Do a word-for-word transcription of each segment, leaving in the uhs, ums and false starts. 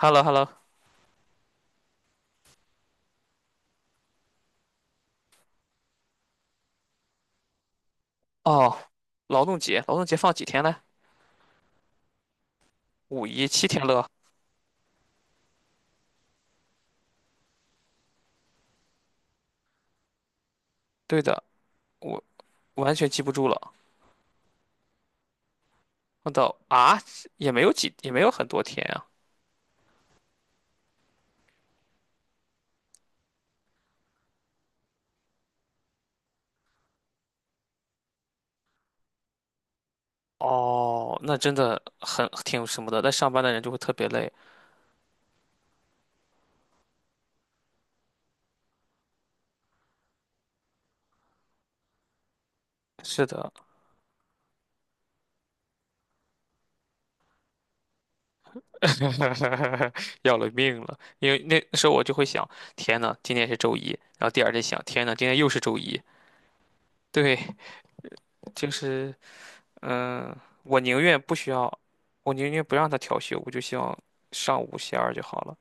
h e l l o h e l l o 哦，劳动节，劳动节放几天呢？五一七天乐。对的，我完全记不住了。我到啊，也没有几，也没有很多天啊。哦，那真的很挺什么的，但上班的人就会特别累。是的，要了命了。因为那时候我就会想，天呐，今天是周一，然后第二天想，天呐，今天又是周一。对，就是嗯，我宁愿不需要，我宁愿不让他调休，我就希望上五休二就好了。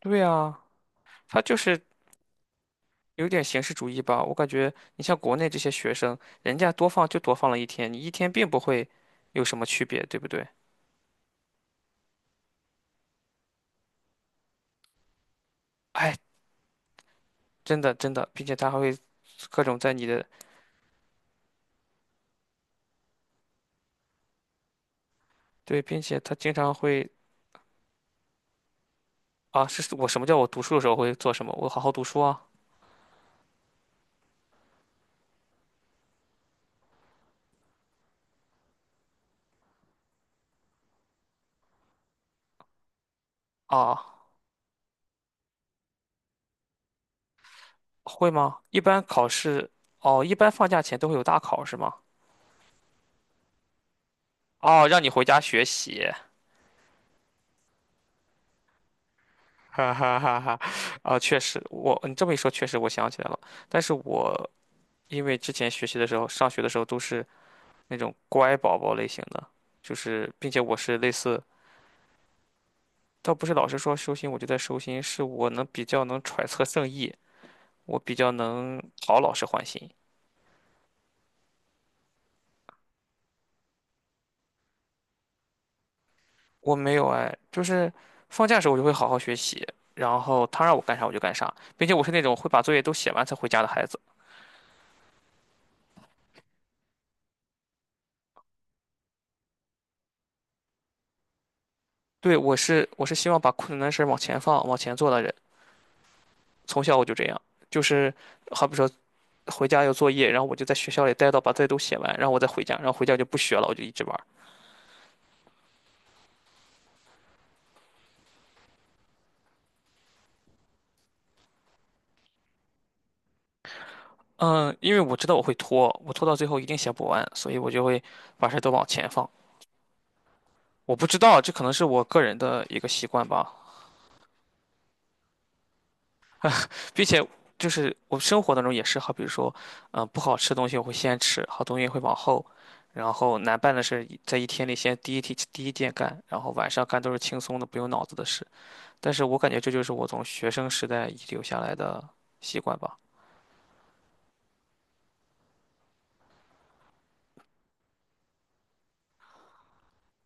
对啊，他就是有点形式主义吧。我感觉你像国内这些学生，人家多放就多放了一天，你一天并不会有什么区别，对不对？哎，真的真的，并且他还会各种在你的，对，并且他经常会啊，是我什么叫我读书的时候会做什么？我好好读书啊啊，会吗？一般考试哦，一般放假前都会有大考是吗？哦，让你回家学习，哈哈哈哈。啊，确实，我你这么一说，确实我想起来了。但是我因为之前学习的时候，上学的时候都是那种乖宝宝类型的，就是并且我是类似，倒不是老师说收心我就在收心，是我能比较能揣测圣意，我比较能讨老师欢心。我没有哎，就是放假的时候我就会好好学习，然后他让我干啥我就干啥，并且我是那种会把作业都写完才回家的孩子。对，我是我是希望把困难的事儿往前放、往前做的人，从小我就这样，就是好比说回家有作业，然后我就在学校里待到把作业都写完，然后我再回家，然后回家就不学了，我就一直玩儿。嗯，因为我知道我会拖，我拖到最后一定写不完，所以我就会把事儿都往前放。我不知道，这可能是我个人的一个习惯吧，并且就是我生活当中也是，好比如说，嗯，不好吃的东西我会先吃，好东西会往后，然后难办的事在一天里先第一天第一件干，然后晚上干都是轻松的不用脑子的事。但是我感觉这就是我从学生时代遗留下来的习惯吧。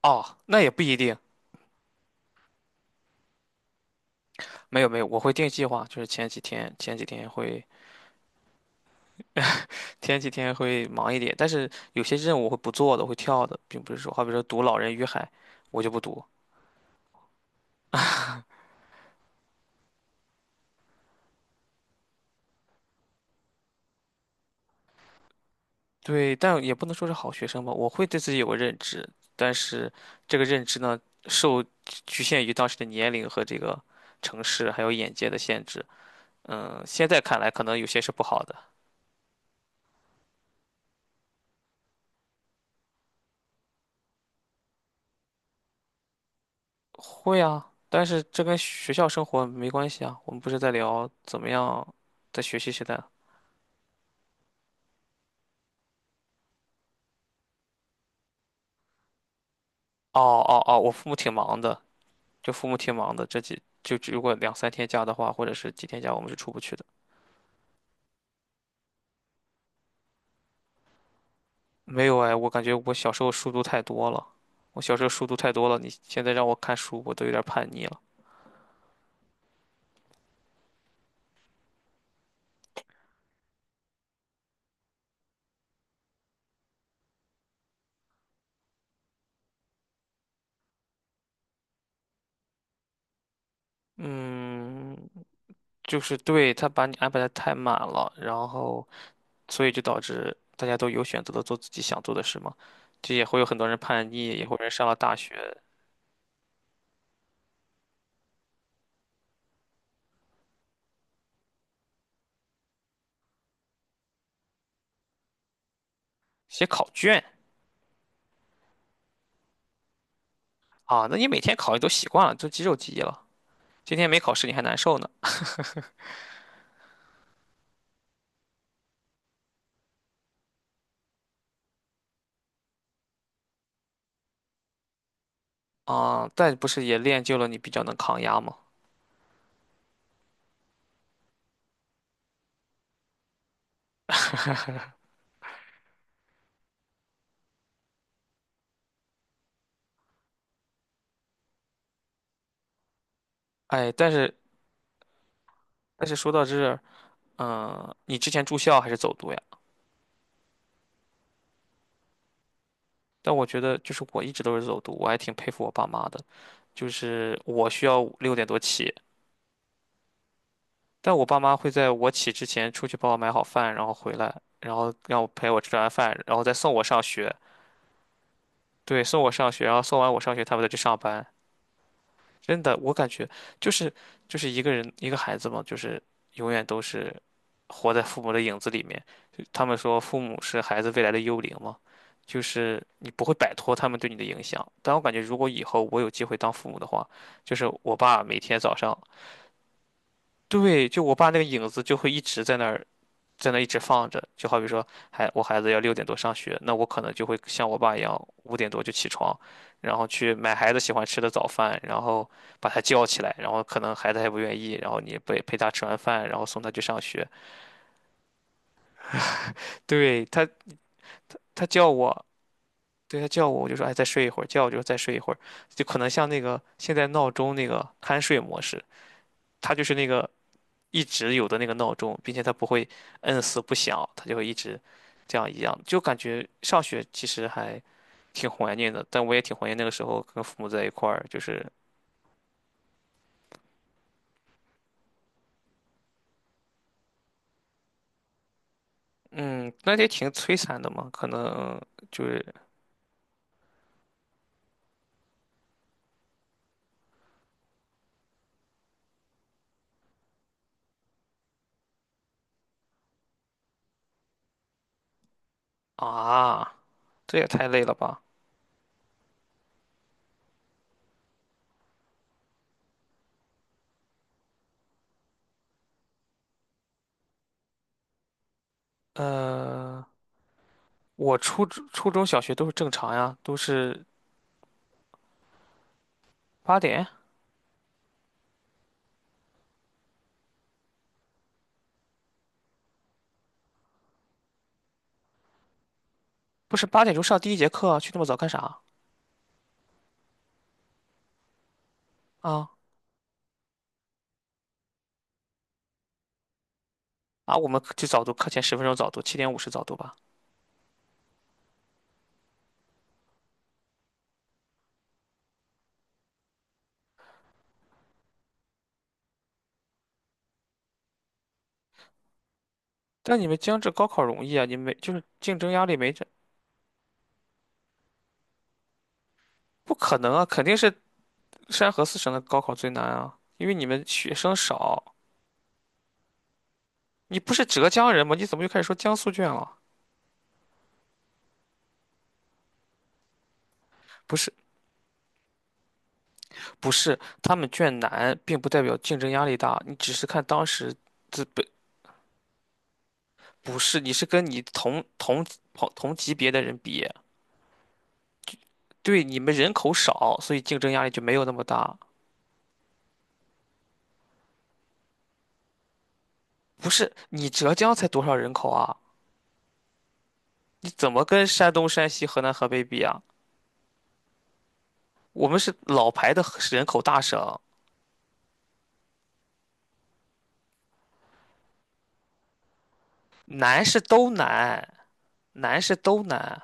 哦，那也不一定，没有没有，我会定计划，就是前几天前几天会前几天会忙一点，但是有些任务我会不做的，我会跳的，并不是说，好比说读《老人与海》，我就不读。对，但也不能说是好学生吧，我会对自己有个认知，但是这个认知呢，受局限于当时的年龄和这个城市还有眼界的限制。嗯，现在看来可能有些是不好的。会啊，但是这跟学校生活没关系啊，我们不是在聊怎么样在学习时代。哦哦哦，我父母挺忙的，就父母挺忙的，这几就如果两三天假的话，或者是几天假，我们是出不去的。没有哎，我感觉我小时候书读太多了，我小时候书读太多了，你现在让我看书，我都有点叛逆了。嗯，就是对他把你安排的太满了，然后所以就导致大家都有选择的做自己想做的事嘛，这也会有很多人叛逆，也会有人上了大学写考卷啊，那你每天考你都习惯了，都肌肉记忆了，今天没考试你还难受呢。啊，但不是也练就了你比较能抗压吗？哎，但是但是说到这儿嗯，你之前住校还是走读呀？但我觉得就是我一直都是走读，我还挺佩服我爸妈的。就是我需要六点多起，但我爸妈会在我起之前出去帮我买好饭，然后回来，然后让我陪我吃完饭，然后再送我上学。对，送我上学，然后送完我上学，他们再去上班。真的，我感觉就是就是一个人一个孩子嘛，就是永远都是活在父母的影子里面。就他们说父母是孩子未来的幽灵嘛，就是你不会摆脱他们对你的影响。但我感觉如果以后我有机会当父母的话，就是我爸每天早上，对，就我爸那个影子就会一直在那儿。在那一直放着，就好比说，孩我孩子要六点多上学，那我可能就会像我爸一样，五点多就起床，然后去买孩子喜欢吃的早饭，然后把他叫起来，然后可能孩子还不愿意，然后你陪陪他吃完饭，然后送他去上学。对，他，他他叫我，对他叫我，我就说哎再睡一会儿，叫我就说再睡一会儿，就可能像那个现在闹钟那个酣睡模式，他就是那个一直有的那个闹钟，并且它不会摁死不响，它就会一直这样一样，就感觉上学其实还挺怀念的，但我也挺怀念那个时候跟父母在一块儿，就是嗯，那也挺摧残的嘛，可能就是啊，这也太累了吧？呃，我初中初中小学都是正常呀，都是八点，不是八点钟上第一节课啊去那么早干啥啊？啊，我们去早读，课前十分钟早读，七点五十早读吧。但你们江浙高考容易啊，你没就是竞争压力没这，不可能啊，肯定是山河四省的高考最难啊，因为你们学生少。你不是浙江人吗？你怎么又开始说江苏卷了？不是，不是，他们卷难，并不代表竞争压力大，你只是看当时资本，不是，你是跟你同同同同级别的人比，对，你们人口少，所以竞争压力就没有那么大。不是，你浙江才多少人口啊？你怎么跟山东、山西、河南、河北比啊？我们是老牌的人口大省，难是都难，难是都难。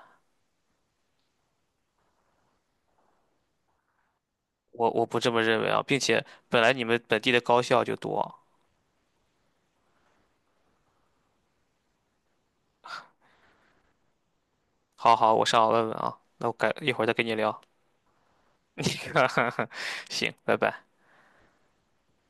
我我不这么认为啊，并且本来你们本地的高校就多。好好，我上网问问啊，那我改一会儿再跟你聊。你看，行，拜拜。